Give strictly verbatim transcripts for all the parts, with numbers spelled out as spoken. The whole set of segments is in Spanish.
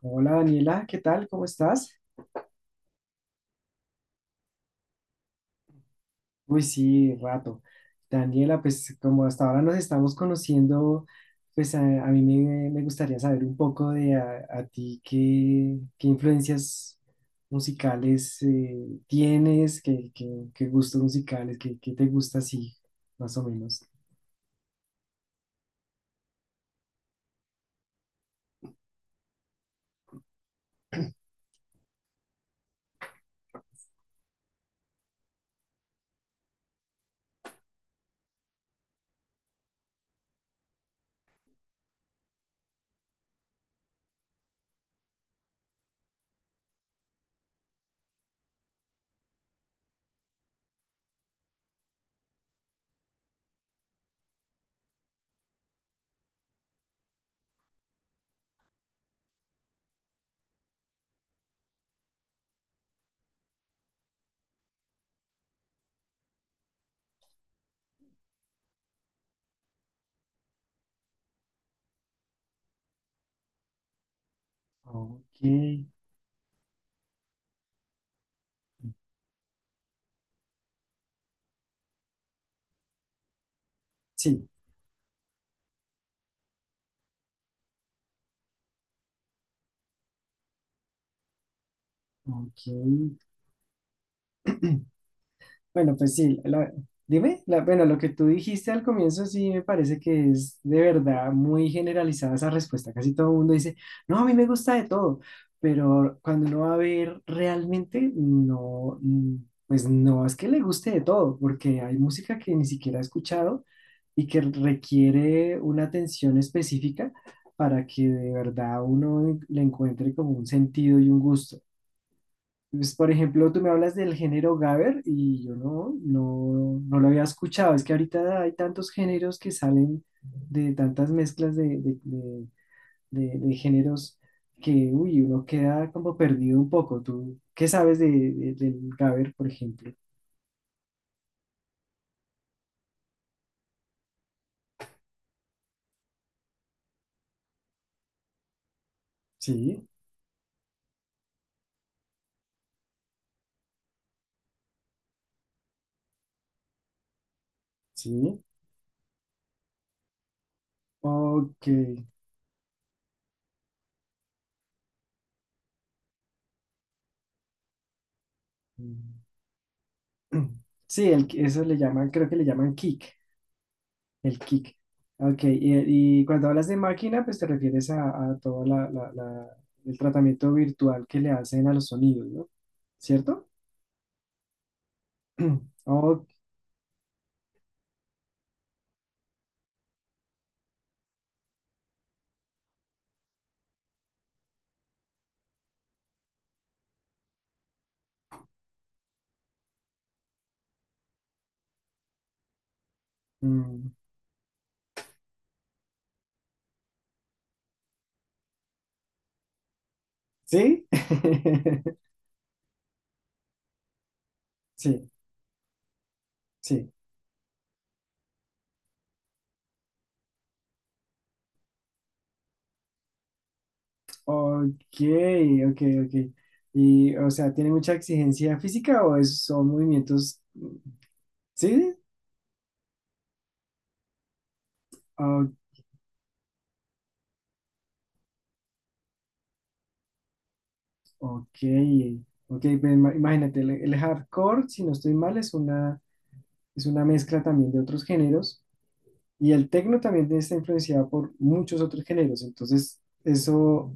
Hola, Daniela, ¿qué tal? ¿Cómo estás? Uy, sí, rato. Daniela, pues como hasta ahora nos estamos conociendo, pues a, a mí me, me gustaría saber un poco de a, a ti qué, qué influencias musicales eh, tienes, qué, qué, qué gustos musicales, qué, qué te gusta así, más o menos. Ok, sí, ok. Bueno, pues sí, la- dime, la- bueno, lo que tú dijiste al comienzo sí me parece que es de verdad muy generalizada esa respuesta. Casi todo el mundo dice, no, a mí me gusta de todo, pero cuando uno va a ver realmente, no, mm, pues no es que le guste de todo, porque hay música que ni siquiera he escuchado y que requiere una atención específica para que de verdad uno le encuentre como un sentido y un gusto. Pues, por ejemplo, tú me hablas del género gabber y yo no, no, no lo había escuchado. Es que ahorita hay tantos géneros que salen de tantas mezclas de, de- de- de- de géneros que, uy, uno queda como perdido un poco. ¿Tú qué sabes de, de- del gabber, por ejemplo? Sí, sí. Ok. Sí, el, eso le llaman, creo que le llaman kick. El kick. Ok, y, y cuando hablas de máquina, pues te refieres a, a todo la, la- la- el tratamiento virtual que le hacen a los sonidos, ¿no? ¿Cierto? Oh, mm, ¿sí? Sí, sí. Ok, ok, ok. Y, o sea, ¿tiene mucha exigencia física o es- son movimientos? Mm. ¿Sí? Oh, ok, ok. Pues, ima- imagínate, el, el hardcore, si no estoy mal, es una, es una mezcla también de otros géneros. Y el tecno también está influenciado por muchos otros géneros, entonces eso,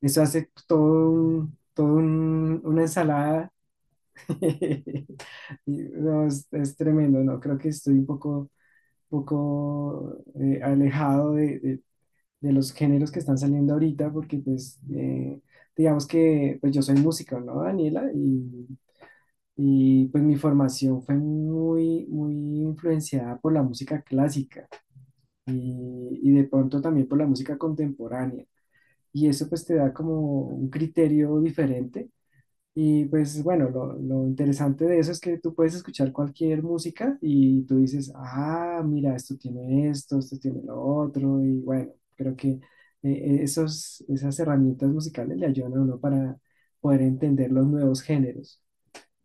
eso hace todo un- todo un- una ensalada. Y, no, es, es tremendo, ¿no? Creo que estoy un poco, poco eh, alejado de, de- de los géneros que están saliendo ahorita, porque pues eh, digamos que pues yo soy músico, ¿no, Daniela? Y, y pues mi formación fue muy, muy influenciada por la música clásica y, y de pronto también por la música contemporánea. Y eso pues te da como un criterio diferente. Y pues bueno, lo, lo interesante de eso es que tú puedes escuchar cualquier música y tú dices, ah, mira, esto tiene esto, esto tiene lo otro. Y bueno, creo que eh, esos, esas herramientas musicales le ayudan a uno para poder entender los nuevos géneros.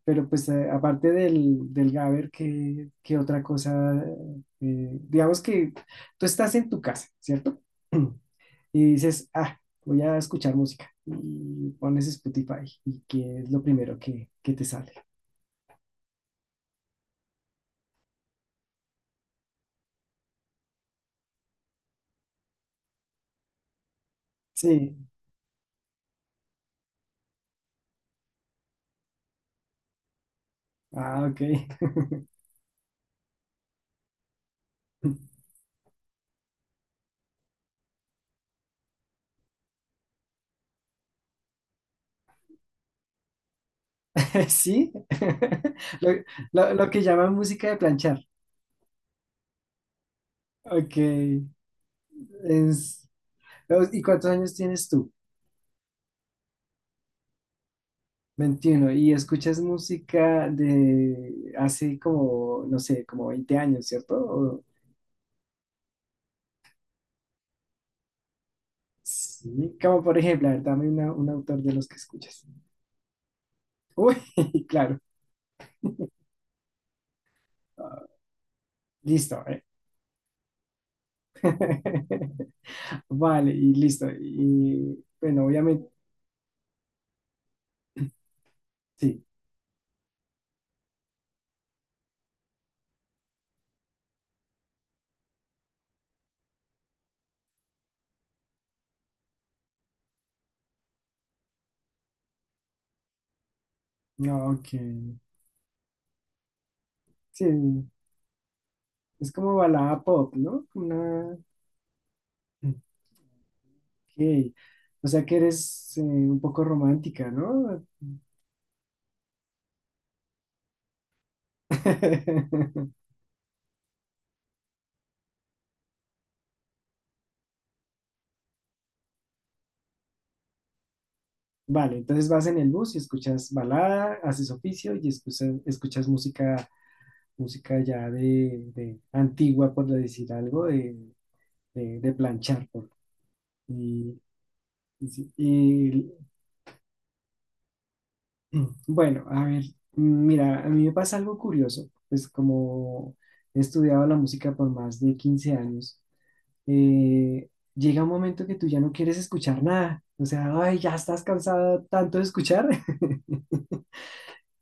Pero pues eh, aparte del, del Gaber, ¿qué, qué otra cosa? eh, digamos que tú estás en tu casa, ¿cierto? Y dices, ah, voy a escuchar música. Y pones Spotify. ¿Y qué es lo primero que, que te sale? Sí. Ah, ok. Sí. Lo, lo- lo que llaman música de planchar. Ok. Es- ¿Y cuántos años tienes tú? Veintiuno. Y escuchas música de hace como, no sé, como veinte años, ¿cierto? O sí, como por ejemplo, a ver, dame una- un autor de los que escuchas. Uy, claro. Ah, listo, ¿eh? Vale, y listo. Y bueno, obviamente, sí. No, ok. Sí, es como balada pop, ¿no? Una... Ok. O sea que eres eh, un poco romántica, ¿no? Vale, entonces vas en el bus y escuchas balada, haces oficio y escuchas, escuchas música, música ya de, de antigua, por decir algo, de, de, de planchar. Por- y, y sí, y, bueno, a ver, mira, a mí me pasa algo curioso, pues como he estudiado la música por más de quince años, eh, llega un momento que tú ya no quieres escuchar nada, o sea, ay, ya estás cansado tanto de escuchar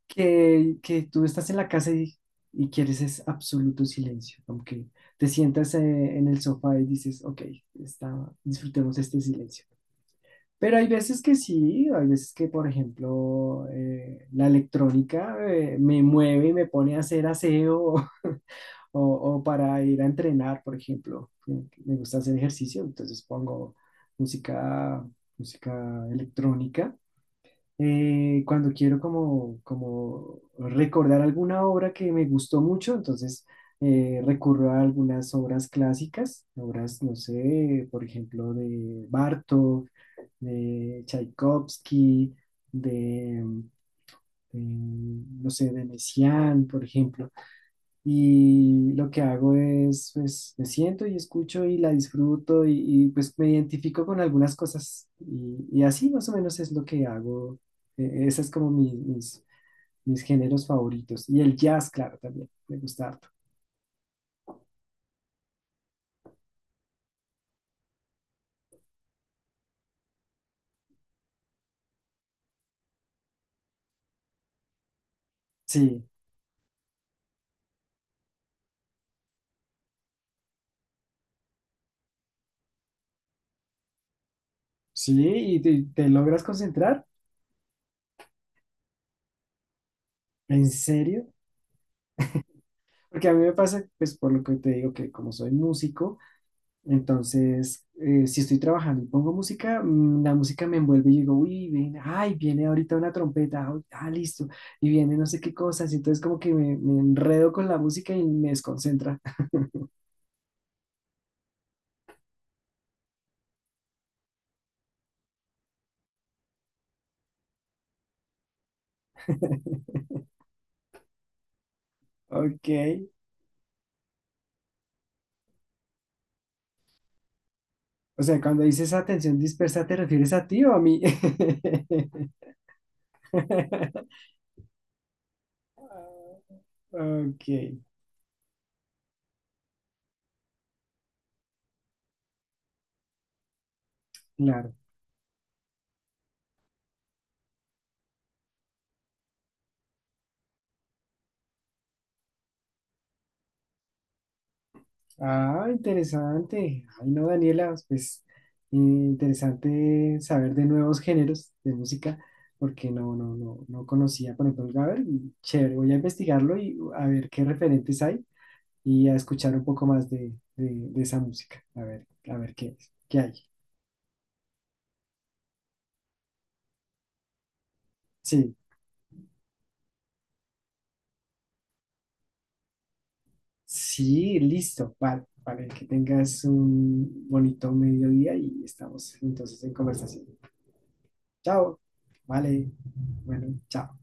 que, que tú estás en la casa y, y quieres es absoluto silencio, aunque te sientas eh, en el sofá y dices, ok, está, disfrutemos este silencio. Pero hay veces que sí, hay veces que, por ejemplo, eh, la electrónica eh, me mueve y me pone a hacer aseo o, o para ir a entrenar, por ejemplo. Me me gusta hacer ejercicio, entonces pongo música, música electrónica eh, cuando quiero como, como recordar alguna obra que me gustó mucho, entonces eh, recurro a algunas obras clásicas, obras, no sé, por ejemplo, de Bartók, de Tchaikovsky, de, mm, no sé, de Messiaen, por ejemplo. Y lo que hago es, pues, me siento y escucho y la disfruto y, y, pues me identifico con algunas cosas. Y, y así más o menos es lo que hago. Eh, ese es como mi- mis, mis géneros favoritos. Y el jazz, claro, también. Me gusta harto. Sí, sí, y te, te logras concentrar. ¿En serio? Porque a mí me pasa, pues por lo que te digo, que como soy músico, entonces eh, si estoy trabajando y pongo música, mm, la música me envuelve y digo, uy, viene, ay, viene ahorita una trompeta, ah, ah, listo, y viene no sé qué cosas, y entonces como que me, me enredo con la música y me desconcentra. Ok. O sea, cuando dices atención dispersa, ¿te refieres a ti o a mí? Ok, claro. Ah, interesante. Ay, no, Daniela, pues eh, interesante saber de nuevos géneros de música, porque no, no, no, no conocía, por ejemplo, el Gabber, y chévere, voy a investigarlo y a ver qué referentes hay y a escuchar un poco más de, de, de esa música, a ver, a ver qué es, qué hay. Sí, sí, listo, vale, vale, que tengas un bonito mediodía y estamos entonces en conversación. Chao, vale, bueno, chao.